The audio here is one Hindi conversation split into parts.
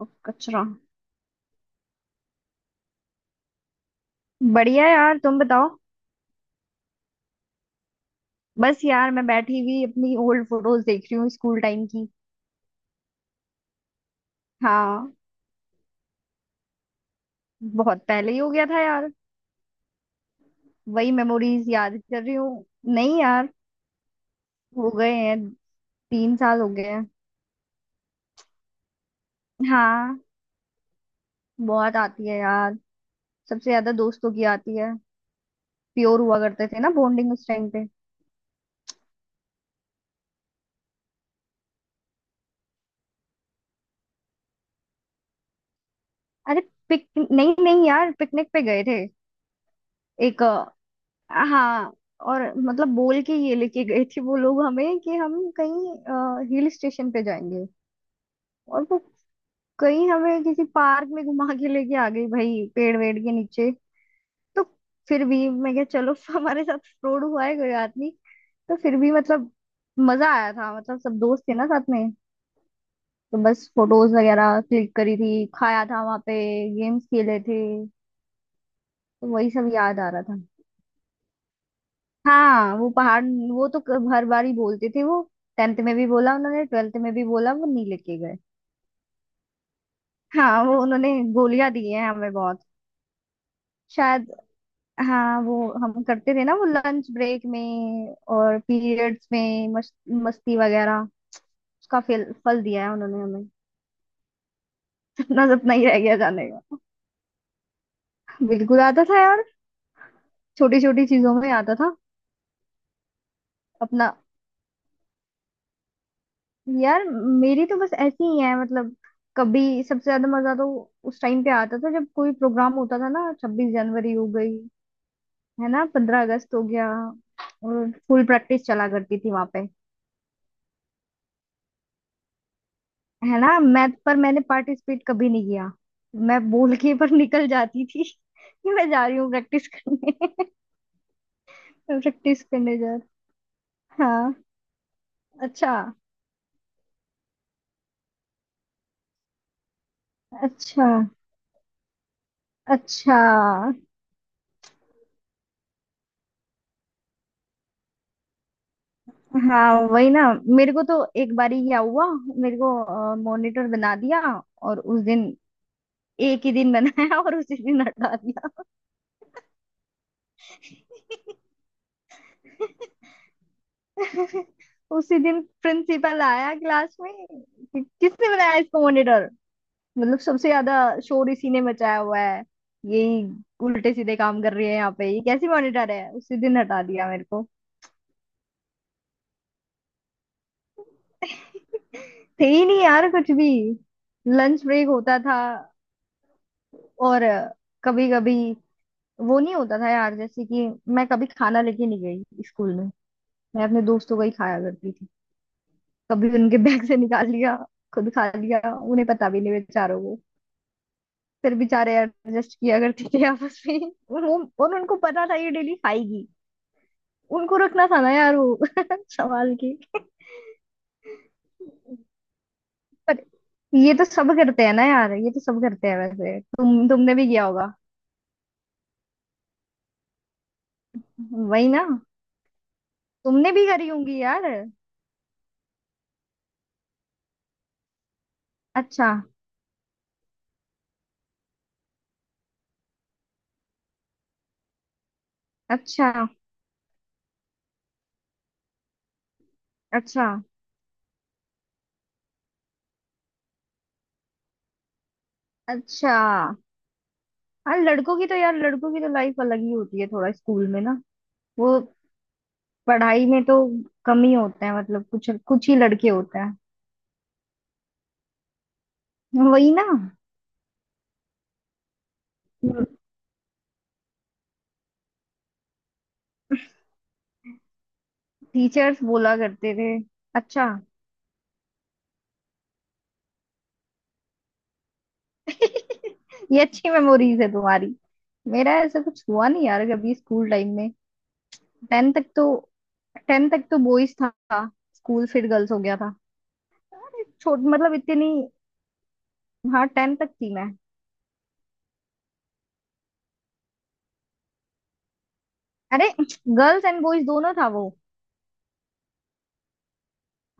उफ, कचरा। बढ़िया यार, तुम बताओ। बस यार, मैं बैठी हुई अपनी ओल्ड फोटोज देख रही हूँ स्कूल टाइम की। हाँ। बहुत पहले ही हो गया था यार। वही मेमोरीज याद कर रही हूँ। नहीं यार। हो गए हैं। 3 साल हो गए हैं। हाँ, बहुत आती है यार। सबसे ज्यादा दोस्तों की आती है। प्योर हुआ करते थे ना बॉन्डिंग उस टाइम पे। अरे, पिक नहीं नहीं यार, पिकनिक पे गए थे। एक। हाँ। और मतलब बोल के ये लेके गए थे वो लोग हमें कि हम कहीं हिल स्टेशन पे जाएंगे। और वो कहीं हमें किसी पार्क में घुमा के लेके आ गई भाई, पेड़ वेड़ के नीचे। तो फिर भी मैं क्या चलो हमारे साथ फ्रॉड हुआ है, कोई बात नहीं। तो फिर भी मतलब मजा आया था, मतलब सब दोस्त थे ना साथ में। तो बस फोटोज वगैरह क्लिक करी थी, खाया था वहां पे, गेम्स खेले थे। तो वही सब याद आ रहा था। हाँ वो पहाड़, वो तो हर बार ही बोलते थे वो। टेंथ में भी बोला उन्होंने, ट्वेल्थ में भी बोला, वो नहीं लेके गए। हाँ वो उन्होंने गोलियां दी हैं हमें बहुत। शायद। हाँ वो हम करते थे ना वो लंच ब्रेक में और पीरियड्स में मस्ती वगैरह। उसका फल फल दिया है उन्होंने हमें। सपना सपना ही रह गया जाने का। बिल्कुल आता था यार, छोटी छोटी चीजों में आता था। अपना यार, मेरी तो बस ऐसी ही है मतलब। कभी सबसे ज्यादा मजा तो उस टाइम पे आता था जब कोई प्रोग्राम होता था ना। 26 जनवरी हो गई, है ना, 15 अगस्त हो गया। और फुल प्रैक्टिस चला करती थी वहां पे, है ना। मैं पर मैंने पार्टिसिपेट कभी नहीं किया। मैं बोल के पर निकल जाती थी कि मैं जा रही हूँ प्रैक्टिस करने। प्रैक्टिस करने जा रही हूँ। हाँ। अच्छा। अच्छा। अच्छा। हाँ वही ना। मेरे को तो एक बारी क्या हुआ, मेरे को मॉनिटर बना दिया और उस दिन, एक ही दिन बनाया और उसी दिन हटा दिया। उसी दिन प्रिंसिपल आया क्लास में कि किसने बनाया इसको मॉनिटर। मतलब सबसे ज्यादा शोर इसी ने मचाया हुआ है, यही उल्टे सीधे काम कर रही है यहाँ पे, ये कैसी मॉनिटर है। उसी दिन हटा दिया मेरे को। थे ही नहीं यार कुछ भी। लंच ब्रेक होता था और कभी कभी वो नहीं होता था यार, जैसे कि मैं कभी खाना लेके नहीं गई स्कूल में। मैं अपने दोस्तों का ही खाया करती थी। कभी उनके बैग से निकाल लिया, खुद खा लिया, उन्हें पता भी नहीं बेचारों को। फिर बेचारे एडजस्ट किया करते थे आपस में। और वो, और उनको पता था ये डेली खाएगी, उनको रखना था ना यार वो संभाल के। पर ये तो सब करते हैं ना यार, ये तो सब करते हैं वैसे, तुमने भी किया होगा। वही ना। तुमने भी करी होंगी यार। अच्छा। अच्छा। अच्छा। अच्छा। हाँ लड़कों की तो यार, लड़कों की तो लाइफ अलग ही होती है थोड़ा स्कूल में ना। वो पढ़ाई में तो कम ही होते हैं, मतलब कुछ कुछ ही लड़के होते हैं। वही ना। टीचर्स बोला करते थे। अच्छा। ये अच्छी मेमोरीज है तुम्हारी। मेरा ऐसा कुछ हुआ नहीं यार कभी स्कूल टाइम में। टेन तक तो टेन तक तो बॉयज था स्कूल, फिर गर्ल्स हो गया था। अरे छोट मतलब इतनी, हाँ 10 तक थी मैं। अरे गर्ल्स एंड बॉयज दोनों था वो।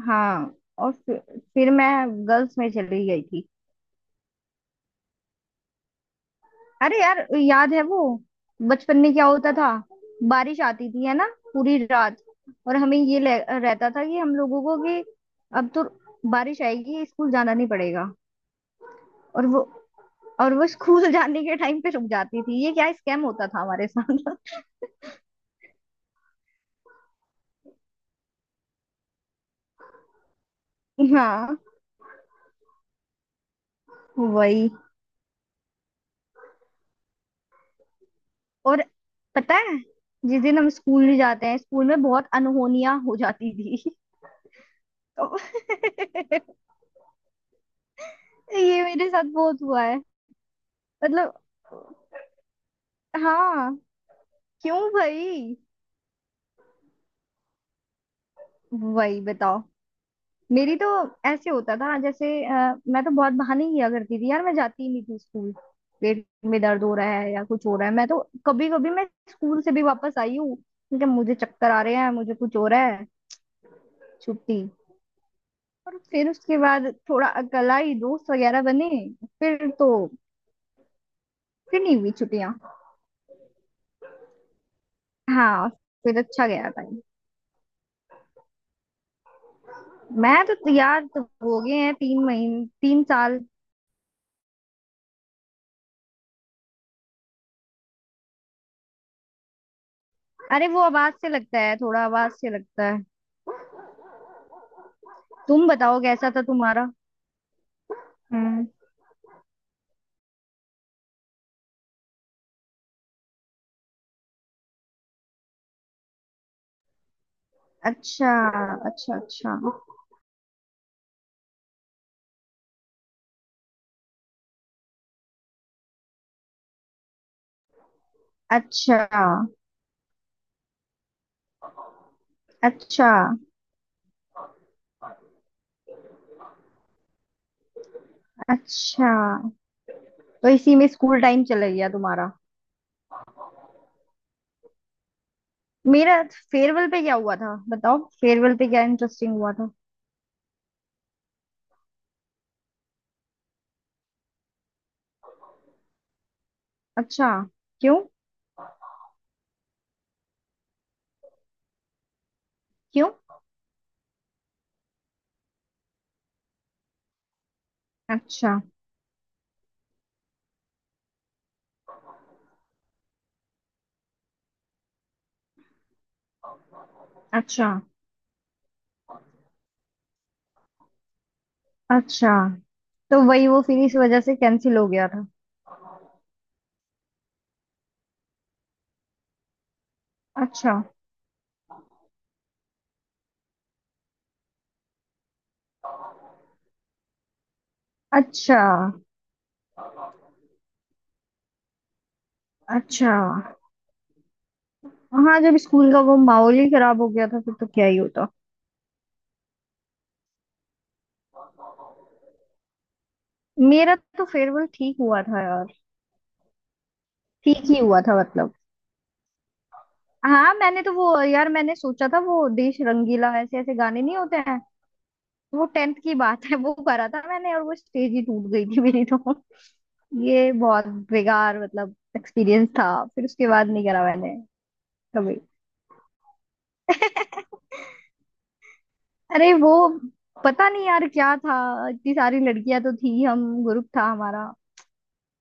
हाँ। और फिर मैं गर्ल्स में चली गई थी। अरे यार याद है वो, बचपन में क्या होता था। बारिश आती थी है ना, पूरी रात। और हमें ये रहता था कि हम लोगों को कि अब तो बारिश आएगी, स्कूल जाना नहीं पड़ेगा। और वो और वो स्कूल जाने के टाइम पे रुक जाती थी, ये क्या स्कैम होता था हमारे साथ। हाँ वही। और पता है जिस दिन हम स्कूल नहीं जाते हैं स्कूल में बहुत अनहोनियां हो जाती थी। तो ये मेरे साथ बहुत हुआ मतलब। हाँ। क्यों भाई। वही बताओ। मेरी तो ऐसे होता था जैसे मैं तो बहुत बहाने किया करती थी यार, मैं जाती ही नहीं थी स्कूल। पेट में दर्द हो रहा है या कुछ हो रहा है, मैं तो कभी कभी मैं स्कूल से भी वापस आई हूँ क्योंकि मुझे चक्कर आ रहे हैं, मुझे कुछ हो रहा है, छुट्टी। और फिर उसके बाद थोड़ा अकलाई दोस्त वगैरह बने। फिर तो, फिर नहीं हुई छुट्टियां। हाँ। फिर अच्छा गया था। मैं तो यार तो हो गए हैं 3 महीने, 3 साल। अरे वो आवाज से लगता है थोड़ा, आवाज से लगता है। तुम बताओ कैसा था तुम्हारा। हम्म। अच्छा। अच्छा। अच्छा। अच्छा। अच्छा। अच्छा। तो इसी में स्कूल टाइम चला गया तुम्हारा। मेरा फेयरवेल पे क्या हुआ था बताओ, फेयरवेल पे क्या इंटरेस्टिंग हुआ था। अच्छा। क्यों। क्यों। अच्छा। अच्छा। अच्छा। तो वही वो फिर इस वजह से कैंसिल हो गया था। अच्छा। अच्छा। अच्छा। हाँ जब स्कूल का वो माहौल ही खराब हो गया था फिर तो क्या ही होता। मेरा तो फेयरवेल ठीक हुआ था यार। ठीक ही हुआ था मतलब। हाँ मैंने तो वो यार, मैंने सोचा था वो देश रंगीला ऐसे ऐसे गाने नहीं होते हैं। वो टेंथ की बात है, वो करा था मैंने, और वो स्टेज ही टूट गई थी मेरी तो। ये बहुत बेकार मतलब एक्सपीरियंस था। फिर उसके बाद नहीं करा मैंने कभी। अरे वो पता नहीं यार क्या था, इतनी सारी लड़कियां तो थी, हम ग्रुप था हमारा।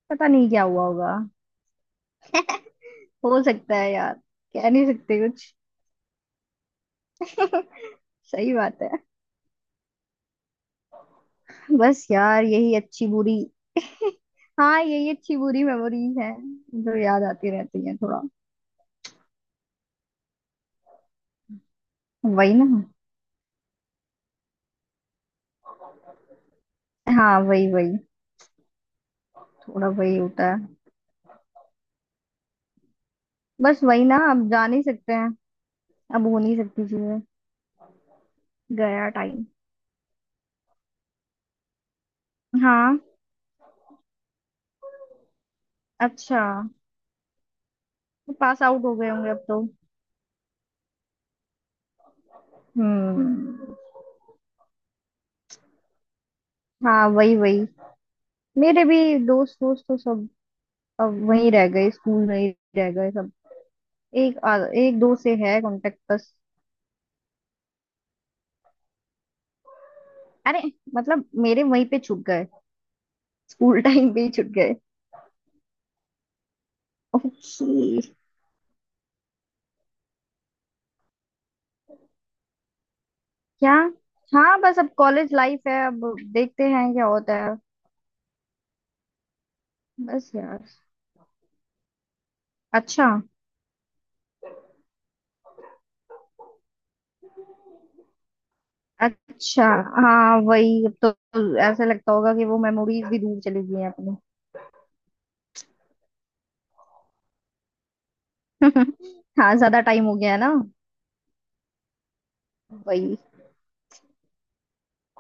पता नहीं क्या हुआ होगा। हो सकता है यार। कह नहीं सकते कुछ। सही बात है। बस यार यही अच्छी बुरी, हाँ यही अच्छी बुरी मेमोरीज है जो याद आती रहती है थोड़ा। वही ना। हाँ वही वही। थोड़ा वही होता है। बस वही ना, अब जा नहीं सकते हैं, अब हो नहीं सकती चीजें। गया टाइम। हाँ। अच्छा। पास आउट हो गए होंगे अब तो। हम्म। हाँ वही वही। मेरे भी दोस्त दोस्त तो सब अब वहीं रह गए स्कूल में ही, रह गए सब। एक एक दो से है कांटेक्ट बस। अरे मतलब मेरे वहीं पे छूट गए, स्कूल टाइम पे ही छूट गए। ओके। क्या। हाँ बस अब कॉलेज लाइफ है, अब देखते हैं क्या होता है। बस यार। अच्छा। अच्छा। हाँ वही अब तो ऐसा लगता होगा कि वो मेमोरीज भी दूर चली गई हैं अपनी। हाँ ज्यादा टाइम हो गया है ना। वही।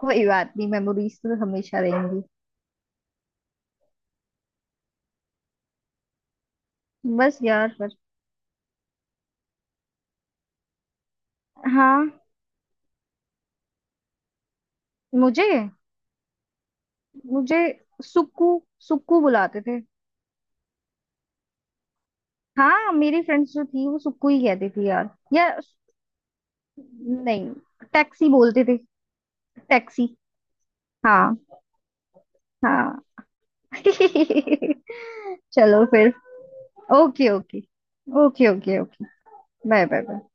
कोई बात नहीं, मेमोरीज तो हमेशा रहेंगी। बस यार पर। हाँ। मुझे मुझे सुक्कू, सुक्कू बुलाते थे। हाँ मेरी फ्रेंड्स जो थी वो सुक्कू ही कहती थी यार या। नहीं, टैक्सी बोलते थे। टैक्सी। हाँ। हाँ। चलो फिर। Okay okay. Okay okay okay. Bye bye bye.